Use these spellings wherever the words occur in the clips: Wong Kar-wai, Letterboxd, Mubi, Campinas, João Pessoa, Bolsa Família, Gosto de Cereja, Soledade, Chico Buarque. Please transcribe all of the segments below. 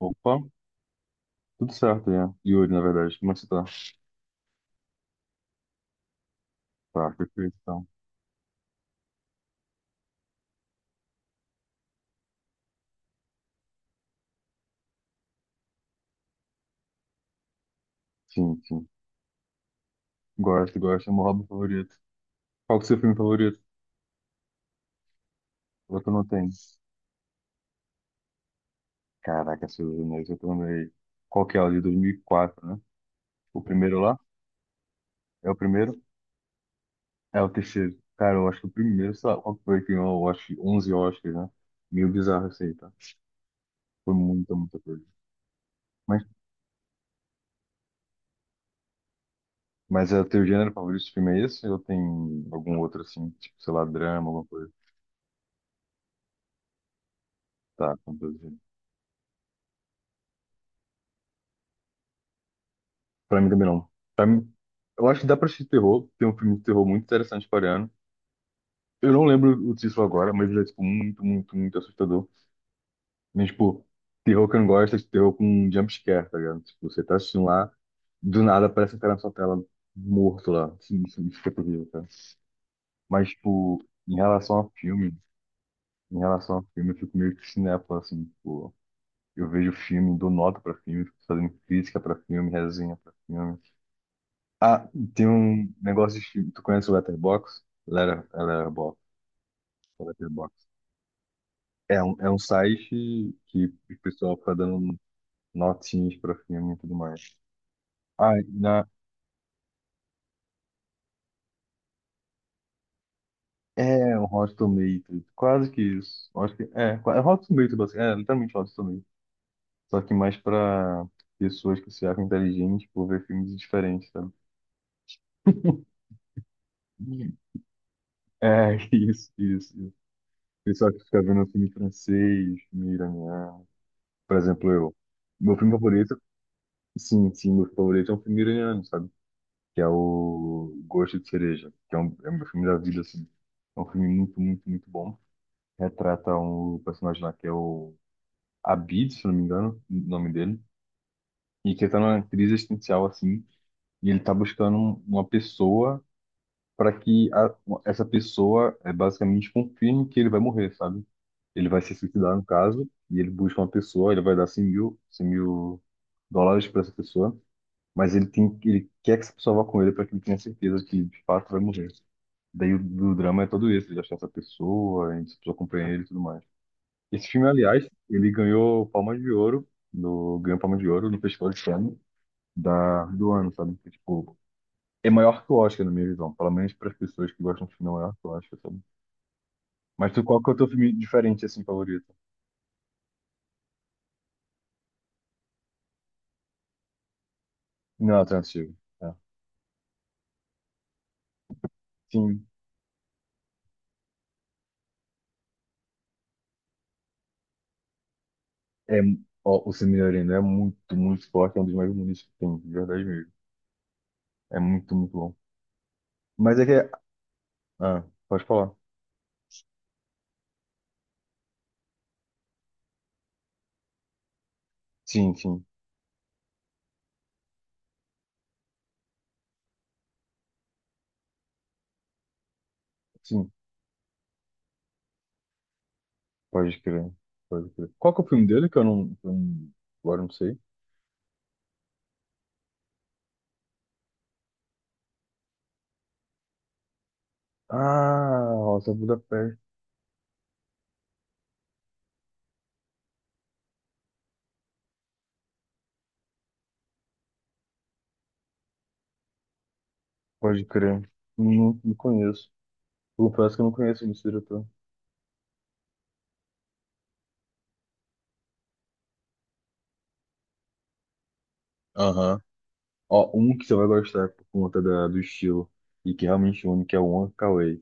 Opa, tudo certo, né? Yuri, na verdade. Como é que você tá? Tá, perfeito, então. Sim, sim. Gosto, gosto. É meu hobby favorito. Qual que é o seu filme favorito? Outro não tem. Caraca, Senhor dos Anéis, eu também. Qual que é o de 2004, né? O primeiro lá? É o primeiro? É o terceiro. Cara, eu acho que o primeiro, sei lá, qual que foi que ganhou, eu acho, que 11 Oscars, né? Meio bizarro isso aí, tá? Foi muita, muita coisa. Mas, mas é o teu gênero favorito de filme é esse? Ou tem algum outro, assim, tipo, sei lá, drama, alguma coisa? Tá, fantasia. Pra mim também não. Pra mim, eu acho que dá pra assistir terror. Tem um filme de terror muito interessante coreano. Eu não lembro o título agora, mas ele é, tipo, muito, muito, muito assustador. Mas, tipo, terror que eu não gosto é esse terror com jump scare, tá ligado? Tipo, você tá assistindo lá, do nada aparece um cara na sua tela morto lá. Assim, isso fica terrível, cara. Mas, tipo, em relação a filme, em relação a filme, eu fico meio que cinéfilo, assim, tipo, eu vejo filme, dou nota pra filme, fico fazendo crítica pra filme, resenha pra filme. Ah, tem um negócio de... Tu conhece o Letterboxd? Letterboxd. Letterboxd. É um site que o pessoal fica dando notinhas pra filme e tudo mais. Ah, na, é um Hot Tomatoes. Quase que isso. Eu acho que, é, é Hot Tomatoes, basicamente, é literalmente Hot Tomatoes. Só que mais pra pessoas que se acham inteligentes por ver filmes diferentes, sabe? Hum. É, isso, isso, isso. Pessoal que fica vendo filme francês, filme iraniano. Por exemplo, eu. Meu filme favorito... Sim, sim, meu favorito é um filme iraniano, sabe? Que é o Gosto de Cereja, que é, um, é o meu filme da vida, assim. É um filme muito, muito, muito bom. Retrata um personagem lá que é o Abid, se não me engano, o nome dele, e que tá numa crise existencial, assim, e ele tá buscando uma pessoa para que a-... essa pessoa é, basicamente confirme que ele vai morrer, sabe? Ele vai se suicidar, no caso, e ele busca uma pessoa, ele vai dar 100 mil, 100 mil dólares para essa pessoa. Mas ele tem, ele quer que essa pessoa vá com ele para que ele tenha certeza que de fato vai morrer. Daí o drama é todo esse, ele achar essa pessoa, a pessoa acompanhar ele e tudo mais. Esse filme, aliás, ele ganhou Palma de Ouro, no, ganhou Palma de Ouro no Festival de Cannes do ano, sabe? Que, tipo, é maior que o Oscar, na minha visão. Pelo menos para as pessoas que gostam de filme, é maior que o Oscar, sabe? Mas tu, qual que é o teu filme diferente, assim, favorito? Não, alternativo. É. Sim, é, ó, o Cine Arena é muito, muito forte, é um dos mais bonitos que tem, de verdade mesmo. É muito, muito bom. Mas é que... Ah, pode falar. Sim, sim, sim. Pode crer. Pode crer. Qual que é o filme dele que eu não... agora não sei. Ah, Rosa Budapeste. Pode crer. Não, não conheço. Confesso que eu não conheço esse diretor. Aham. Ó, um que você vai gostar por conta do estilo e que é realmente único é o Wong Kar-wai.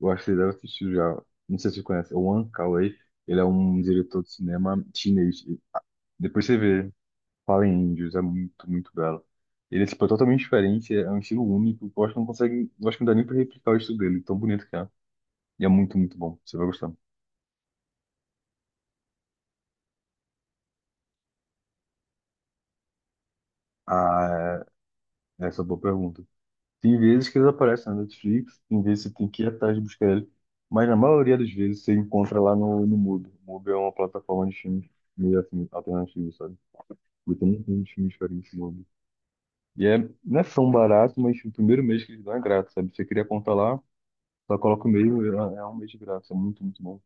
Eu acho que você deve assistir já. Não sei se você conhece. O Wong Kar-wai, ele é um diretor de cinema chinês. Depois você vê. Fala em Índios, é muito, muito belo. Ele é, tipo, é totalmente diferente, é um estilo único, eu acho que não consegue, eu acho que não dá nem pra replicar o estilo dele, tão bonito que é. E é muito, muito bom, você vai gostar. Ah, é, essa é uma boa pergunta. Tem vezes que eles aparecem na Netflix, tem vezes que você tem que ir atrás de buscar ele, mas na maioria das vezes você encontra lá no Mubi. O Mubi é uma plataforma de filmes meio assim, alternativo, sabe? E tem um monte de filmes diferentes no Mubi. E é, não é tão barato, mas tipo, o primeiro mês que eles dão é grátis, sabe? Você queria contar lá, só coloca o meio, é... é um mês de graça, é muito, muito bom.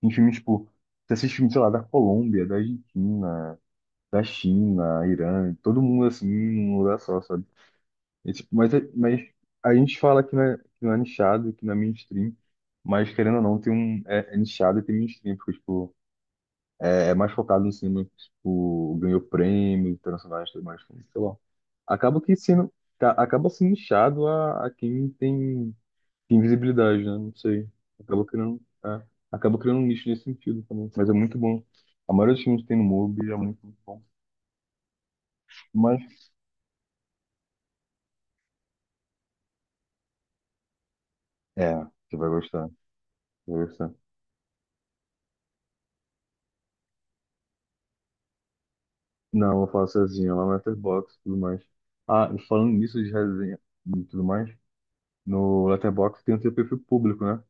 Tem filme, tipo, você assiste filme, sei lá, da Colômbia, da Argentina, da China, Irã, todo mundo assim, num lugar só, sabe? É, tipo, mas, mas a gente fala que não é nichado, que não é mainstream, mas querendo ou não, tem um, é, é nichado e tem mainstream, porque, tipo, é, é mais focado no cinema, que, tipo, ganhou prêmios internacionais e tudo mais, sei lá. Acaba que sendo, acaba sendo nichado a quem tem... tem visibilidade, né? Não sei. Acaba criando, é, acaba criando um nicho nesse sentido também. Mas é muito bom. A maioria dos filmes que tem no MUBI é muito, muito bom. Mas, é, você vai gostar. Você vai gostar. Não, eu vou falar sozinho, lá no Letterboxd e tudo mais. Ah, e falando nisso de resenha e tudo mais, no Letterboxd tem o seu perfil público, né?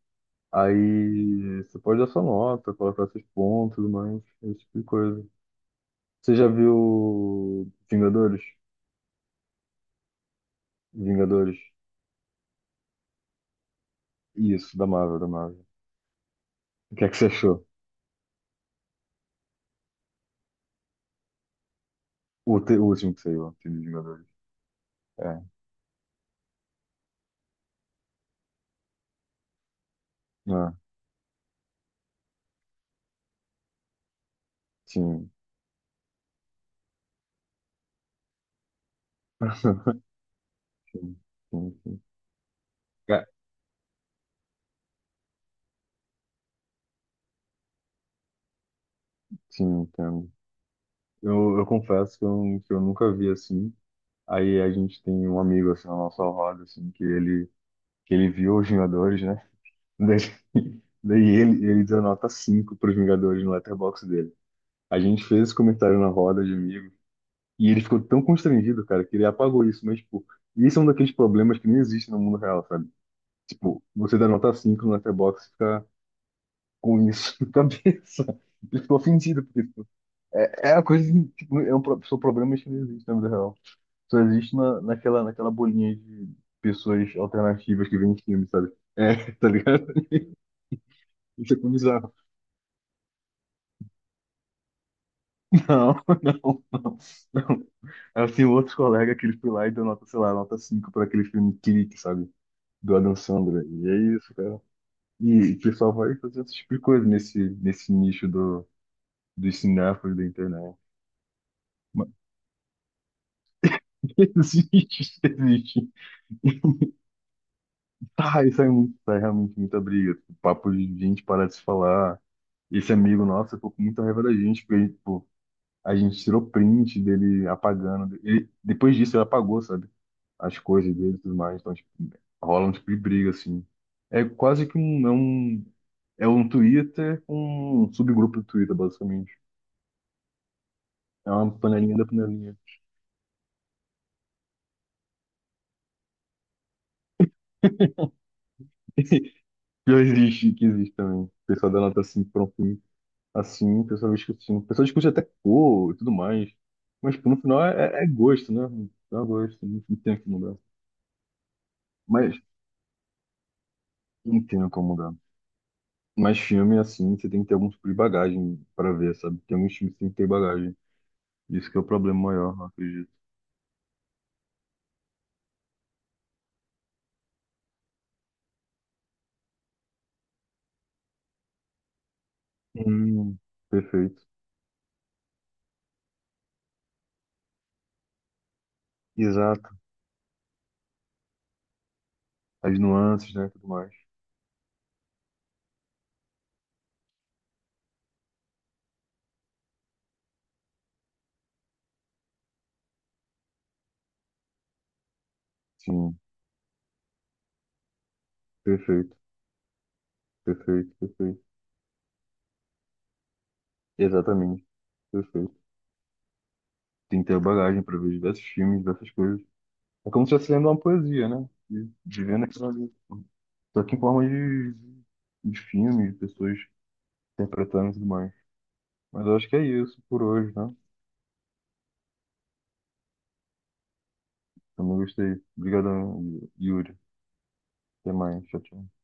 Aí você pode dar sua nota, colocar seus pontos, tudo mais, esse tipo de coisa. Você já viu Vingadores? Vingadores? Isso, da Marvel, da Marvel. O que é que você achou? O, o último que saiu, o time de Vingadores. É. Ah, sim. Sim, sim, sim. É. Sim, entendo. Eu confesso que eu nunca vi assim. Aí a gente tem um amigo assim, na nossa roda, assim, que ele viu os Vingadores, né? Daí, daí ele, ele deu nota 5 para os Vingadores no letterbox dele. A gente fez esse comentário na roda de amigo e ele ficou tão constrangido, cara, que ele apagou isso. Mas, tipo, isso é um daqueles problemas que não existe no mundo real, sabe? Tipo, você dá nota 5 no letterbox, fica com isso na cabeça. Eu fico ofendido, porque tipo, é, é a coisa, que, tipo, é um, são problemas que não existem na vida real. Só existe na, naquela, naquela bolinha de pessoas alternativas que vêm em filme, sabe? É, tá ligado? Isso é bizarro. Não, não, não, não. É assim, outros colegas que eles foi lá e deu nota, sei lá, nota 5 para aquele filme Clique, sabe? Do Adam Sandler. E é isso, cara. E o pessoal vai fazer esse tipo de coisa nesse nicho dos cinéfilos da internet. Mas existe, existe. Ah, isso é, muito, isso é realmente muita briga. Tipo, papo de gente parar de se falar. Esse amigo nosso ficou com muita raiva da gente, porque ele, tipo, a gente tirou print dele apagando. Ele, depois disso, ele apagou, sabe? As coisas dele e tudo mais. Então, tipo, rola um tipo de briga, assim. É quase que um, é um, é um Twitter com um subgrupo do Twitter, basicamente. É uma panelinha da panelinha. Que existe também. O pessoal da nota assim, pronto assim, pessoal discutindo. Pessoal discute até cor e tudo mais. Mas, tipo, no final é, é é gosto, né? É um gosto, não não tem o que mudar. Mas, não tem o que mudar. Mas filme, assim, você tem que ter algum tipo de bagagem para ver, sabe? Tem alguns filmes que tem que ter bagagem. Isso que é o problema maior, eu acredito. Hum, perfeito. Exato. As nuances, né? Tudo mais. Sim, perfeito, perfeito, perfeito. Exatamente, perfeito. Tem que ter bagagem para ver diversos filmes, diversas coisas. É como se estivesse lendo uma poesia, né? De vendo aquilo ali. Só que em forma de filme, de pessoas interpretando e tudo mais. Mas eu acho que é isso por hoje, né? Também gostei. Obrigadão, Yuri. Até mais. Tchau, tchau.